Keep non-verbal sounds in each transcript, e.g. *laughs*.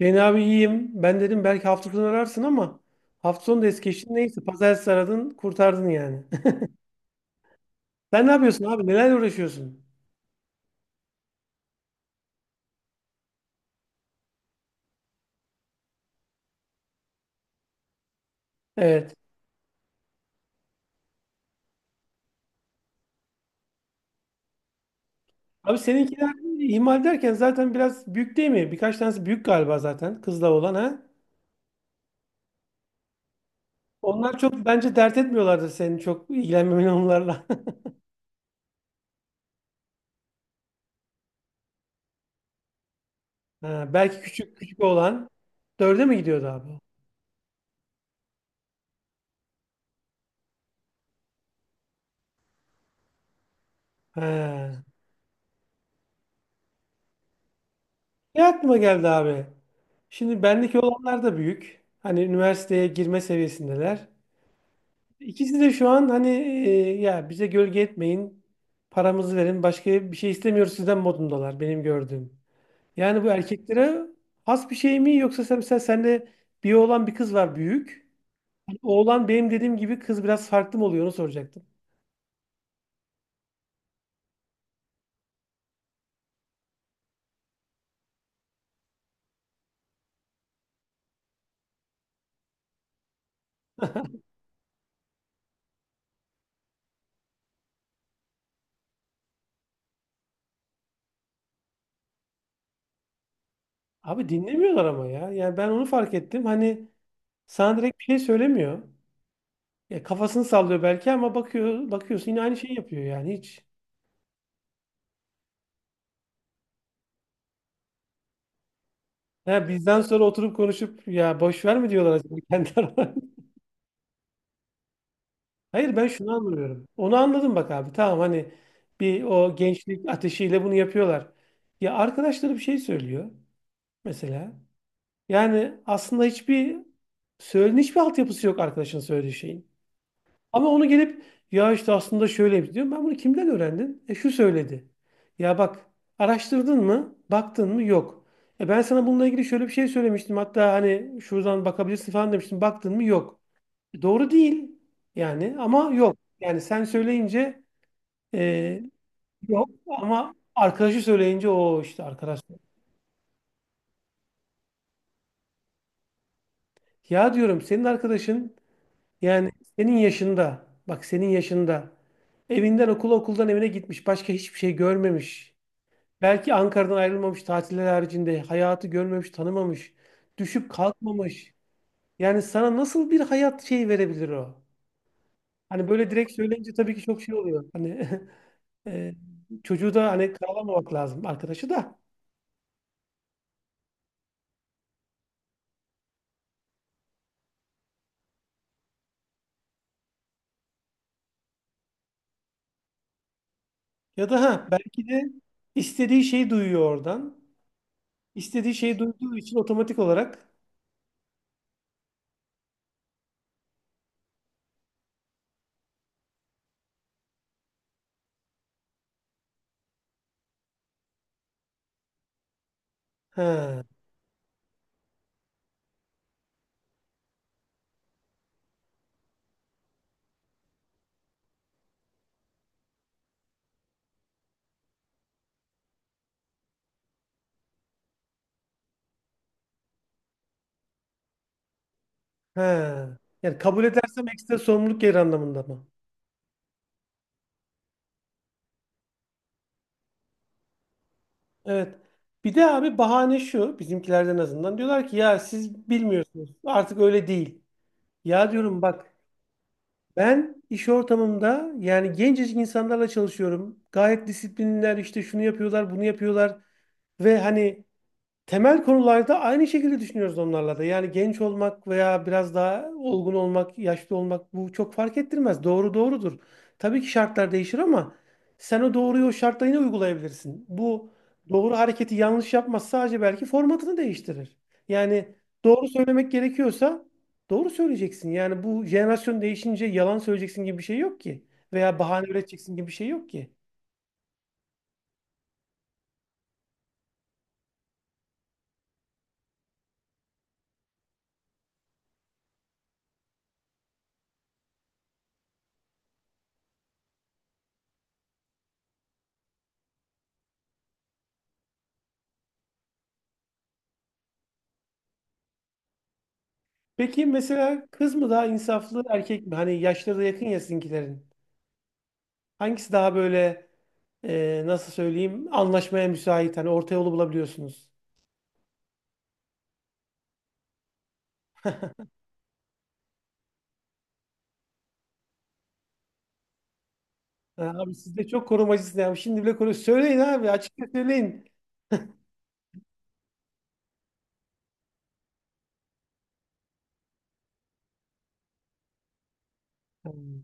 Hüseyin abi iyiyim. Ben dedim belki hafta sonu ararsın ama hafta sonu da es geçti. Neyse pazartesi aradın kurtardın yani. *laughs* Sen ne yapıyorsun abi? Nelerle uğraşıyorsun? Evet. Abi seninkiler ihmal derken zaten biraz büyük değil mi? Birkaç tanesi büyük galiba zaten kızla olan ha. Onlar çok bence dert etmiyorlardır senin çok ilgilenmemen onlarla. *laughs* Ha, belki küçük küçük olan dörde mi gidiyordu abi? Ha. Ne aklıma geldi abi? Şimdi bendeki olanlar da büyük. Hani üniversiteye girme seviyesindeler. İkisi de şu an hani ya bize gölge etmeyin, paramızı verin, başka bir şey istemiyoruz sizden modundalar benim gördüğüm. Yani bu erkeklere has bir şey mi yoksa sen, mesela sende bir oğlan bir kız var büyük. Hani oğlan benim dediğim gibi kız biraz farklı mı oluyor onu soracaktım. Abi dinlemiyorlar ama ya. Yani ben onu fark ettim. Hani sana direkt bir şey söylemiyor. Ya kafasını sallıyor belki ama bakıyor bakıyorsun yine aynı şeyi yapıyor yani hiç. Ha, bizden sonra oturup konuşup ya boş ver mi diyorlar acaba *laughs* kendi aralarında? Hayır ben şunu anlamıyorum. Onu anladım bak abi. Tamam hani bir o gençlik ateşiyle bunu yapıyorlar. Ya arkadaşları bir şey söylüyor mesela. Yani aslında hiçbir hiçbir altyapısı yok arkadaşın söylediği şeyin. Ama onu gelip ya işte aslında şöyle diyorum. Ben bunu kimden öğrendin? E şu söyledi. Ya bak araştırdın mı? Baktın mı? Yok. E ben sana bununla ilgili şöyle bir şey söylemiştim. Hatta hani şuradan bakabilirsin falan demiştim. Baktın mı? Yok. Doğru değil yani ama yok. Yani sen söyleyince e, yok ama arkadaşı söyleyince o işte arkadaş. Ya diyorum senin arkadaşın yani senin yaşında bak senin yaşında evinden okula okuldan evine gitmiş başka hiçbir şey görmemiş. Belki Ankara'dan ayrılmamış tatiller haricinde hayatı görmemiş tanımamış düşüp kalkmamış. Yani sana nasıl bir hayat şeyi verebilir o? Hani böyle direkt söyleyince tabii ki çok şey oluyor. Hani *laughs* Ee, çocuğu da hani karalamamak lazım arkadaşı da. Ya da ha belki de istediği şeyi duyuyor oradan. İstediği şeyi duyduğu için otomatik olarak. Ha. Ha. Yani kabul edersem ekstra sorumluluk gelir anlamında mı? Evet. Bir de abi bahane şu bizimkilerden azından diyorlar ki ya siz bilmiyorsunuz artık öyle değil. Ya diyorum bak ben iş ortamımda yani gencecik insanlarla çalışıyorum. Gayet disiplinler işte şunu yapıyorlar bunu yapıyorlar. Ve hani temel konularda aynı şekilde düşünüyoruz onlarla da. Yani genç olmak veya biraz daha olgun olmak, yaşlı olmak bu çok fark ettirmez. Doğru doğrudur. Tabii ki şartlar değişir ama sen o doğruyu o şartla yine uygulayabilirsin. Bu doğru hareketi yanlış yapmaz sadece belki formatını değiştirir. Yani doğru söylemek gerekiyorsa doğru söyleyeceksin. Yani bu jenerasyon değişince yalan söyleyeceksin gibi bir şey yok ki. Veya bahane üreteceksin gibi bir şey yok ki. Peki mesela kız mı daha insaflı erkek mi? Hani yaşları da yakın ya sizinkilerin. Hangisi daha böyle nasıl söyleyeyim anlaşmaya müsait hani orta yolu bulabiliyorsunuz. Ha, abi siz de çok korumacısınız ya. Şimdi bile koru. Söyleyin abi açıkça söyleyin. Hmm.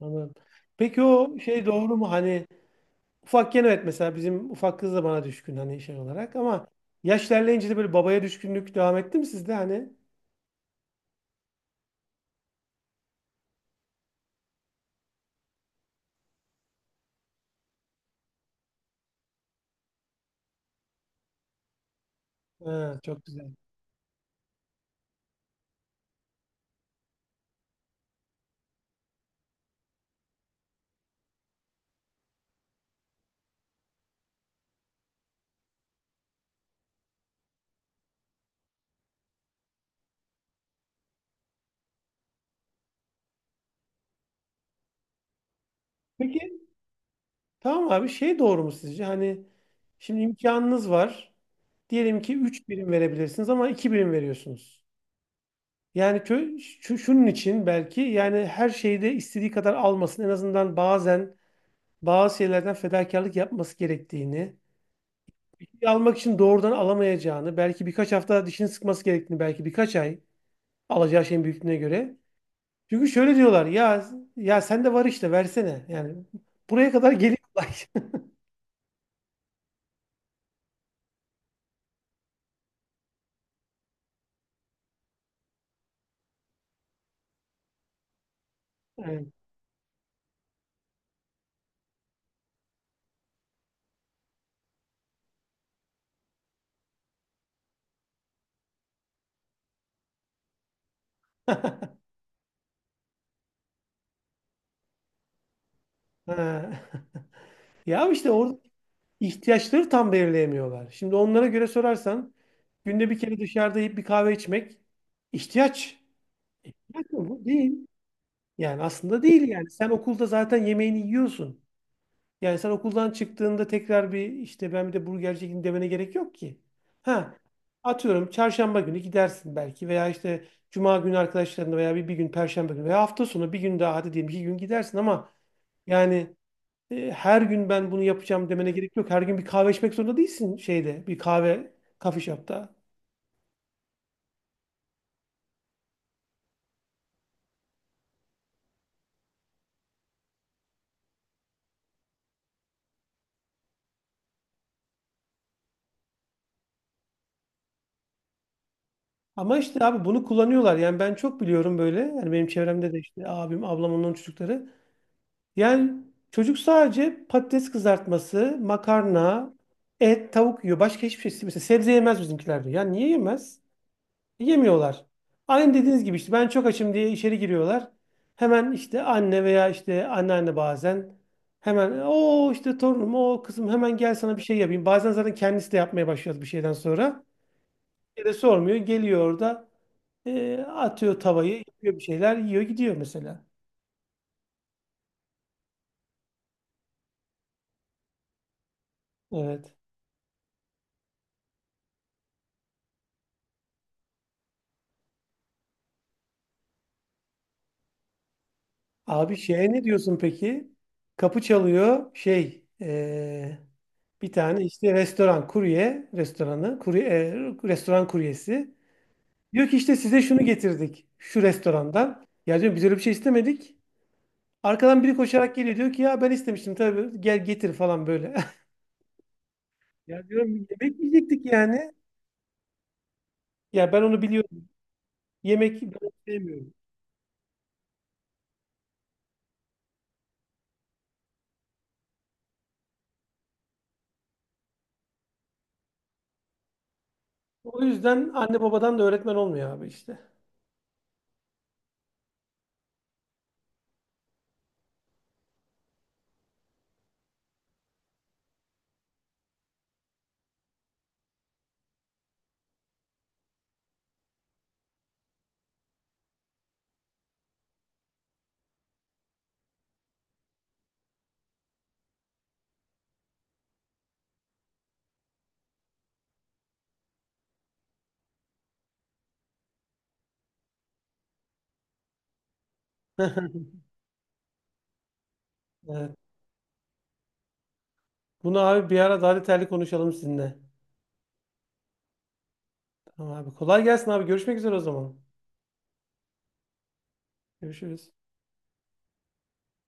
Anladım. Peki o şey doğru mu? Hani ufakken evet mesela bizim ufak kız da bana düşkün hani şey olarak ama yaş ilerleyince de böyle babaya düşkünlük devam etti mi sizde hani? Ha, çok güzel. Peki tamam abi şey doğru mu sizce? Hani şimdi imkanınız var. Diyelim ki 3 birim verebilirsiniz ama 2 birim veriyorsunuz. Yani şunun için belki yani her şeyde istediği kadar almasın. En azından bazen bazı şeylerden fedakarlık yapması gerektiğini, almak için doğrudan alamayacağını, belki birkaç hafta dişini sıkması gerektiğini, belki birkaç ay alacağı şeyin büyüklüğüne göre. Çünkü şöyle diyorlar ya ya sende var işte versene. Yani buraya kadar geliyor. *laughs* Olay. Evet. *laughs* Ha. Ya işte orada ihtiyaçları tam belirleyemiyorlar. Şimdi onlara göre sorarsan günde bir kere dışarıda yiyip bir kahve içmek ihtiyaç. İhtiyaç mı bu? Değil. Yani aslında değil yani. Sen okulda zaten yemeğini yiyorsun. Yani sen okuldan çıktığında tekrar bir işte ben bir de burgerci gideyim demene gerek yok ki. Ha, atıyorum çarşamba günü gidersin belki veya işte cuma günü arkadaşlarınla veya bir gün perşembe günü veya hafta sonu bir gün daha hadi diyelim iki gün gidersin ama yani her gün ben bunu yapacağım demene gerek yok. Her gün bir kahve içmek zorunda değilsin şeyde, bir kahve coffee shop'ta. Ama işte abi bunu kullanıyorlar. Yani ben çok biliyorum böyle. Yani benim çevremde de işte abim, ablam onların çocukları. Yani çocuk sadece patates kızartması, makarna, et, tavuk yiyor. Başka hiçbir şey. Mesela sebze yemez bizimkiler diyor. Ya niye yemez? Yemiyorlar. Aynı dediğiniz gibi işte ben çok açım diye içeri giriyorlar. Hemen işte anne veya işte anneanne bazen hemen o işte torunum o kızım hemen gel sana bir şey yapayım. Bazen zaten kendisi de yapmaya başlıyor bir şeyden sonra. Bir de sormuyor geliyor orada atıyor tavayı yapıyor bir şeyler yiyor gidiyor mesela. Evet. Abi şeye ne diyorsun peki? Kapı çalıyor şey bir tane işte restoran kurye restoranı kurye, e, restoran kuryesi. Diyor ki işte size şunu getirdik şu restorandan. Ya diyorum biz öyle bir şey istemedik. Arkadan biri koşarak geliyor diyor ki ya ben istemiştim tabii gel getir falan böyle. *laughs* Ya diyorum yemek yiyecektik yani. Ya ben onu biliyorum. Yemek ben onu sevmiyorum. O yüzden anne babadan da öğretmen olmuyor abi işte. *laughs* Evet. Bunu abi bir ara daha detaylı konuşalım sizinle. Tamam abi. Kolay gelsin abi. Görüşmek üzere o zaman. Görüşürüz.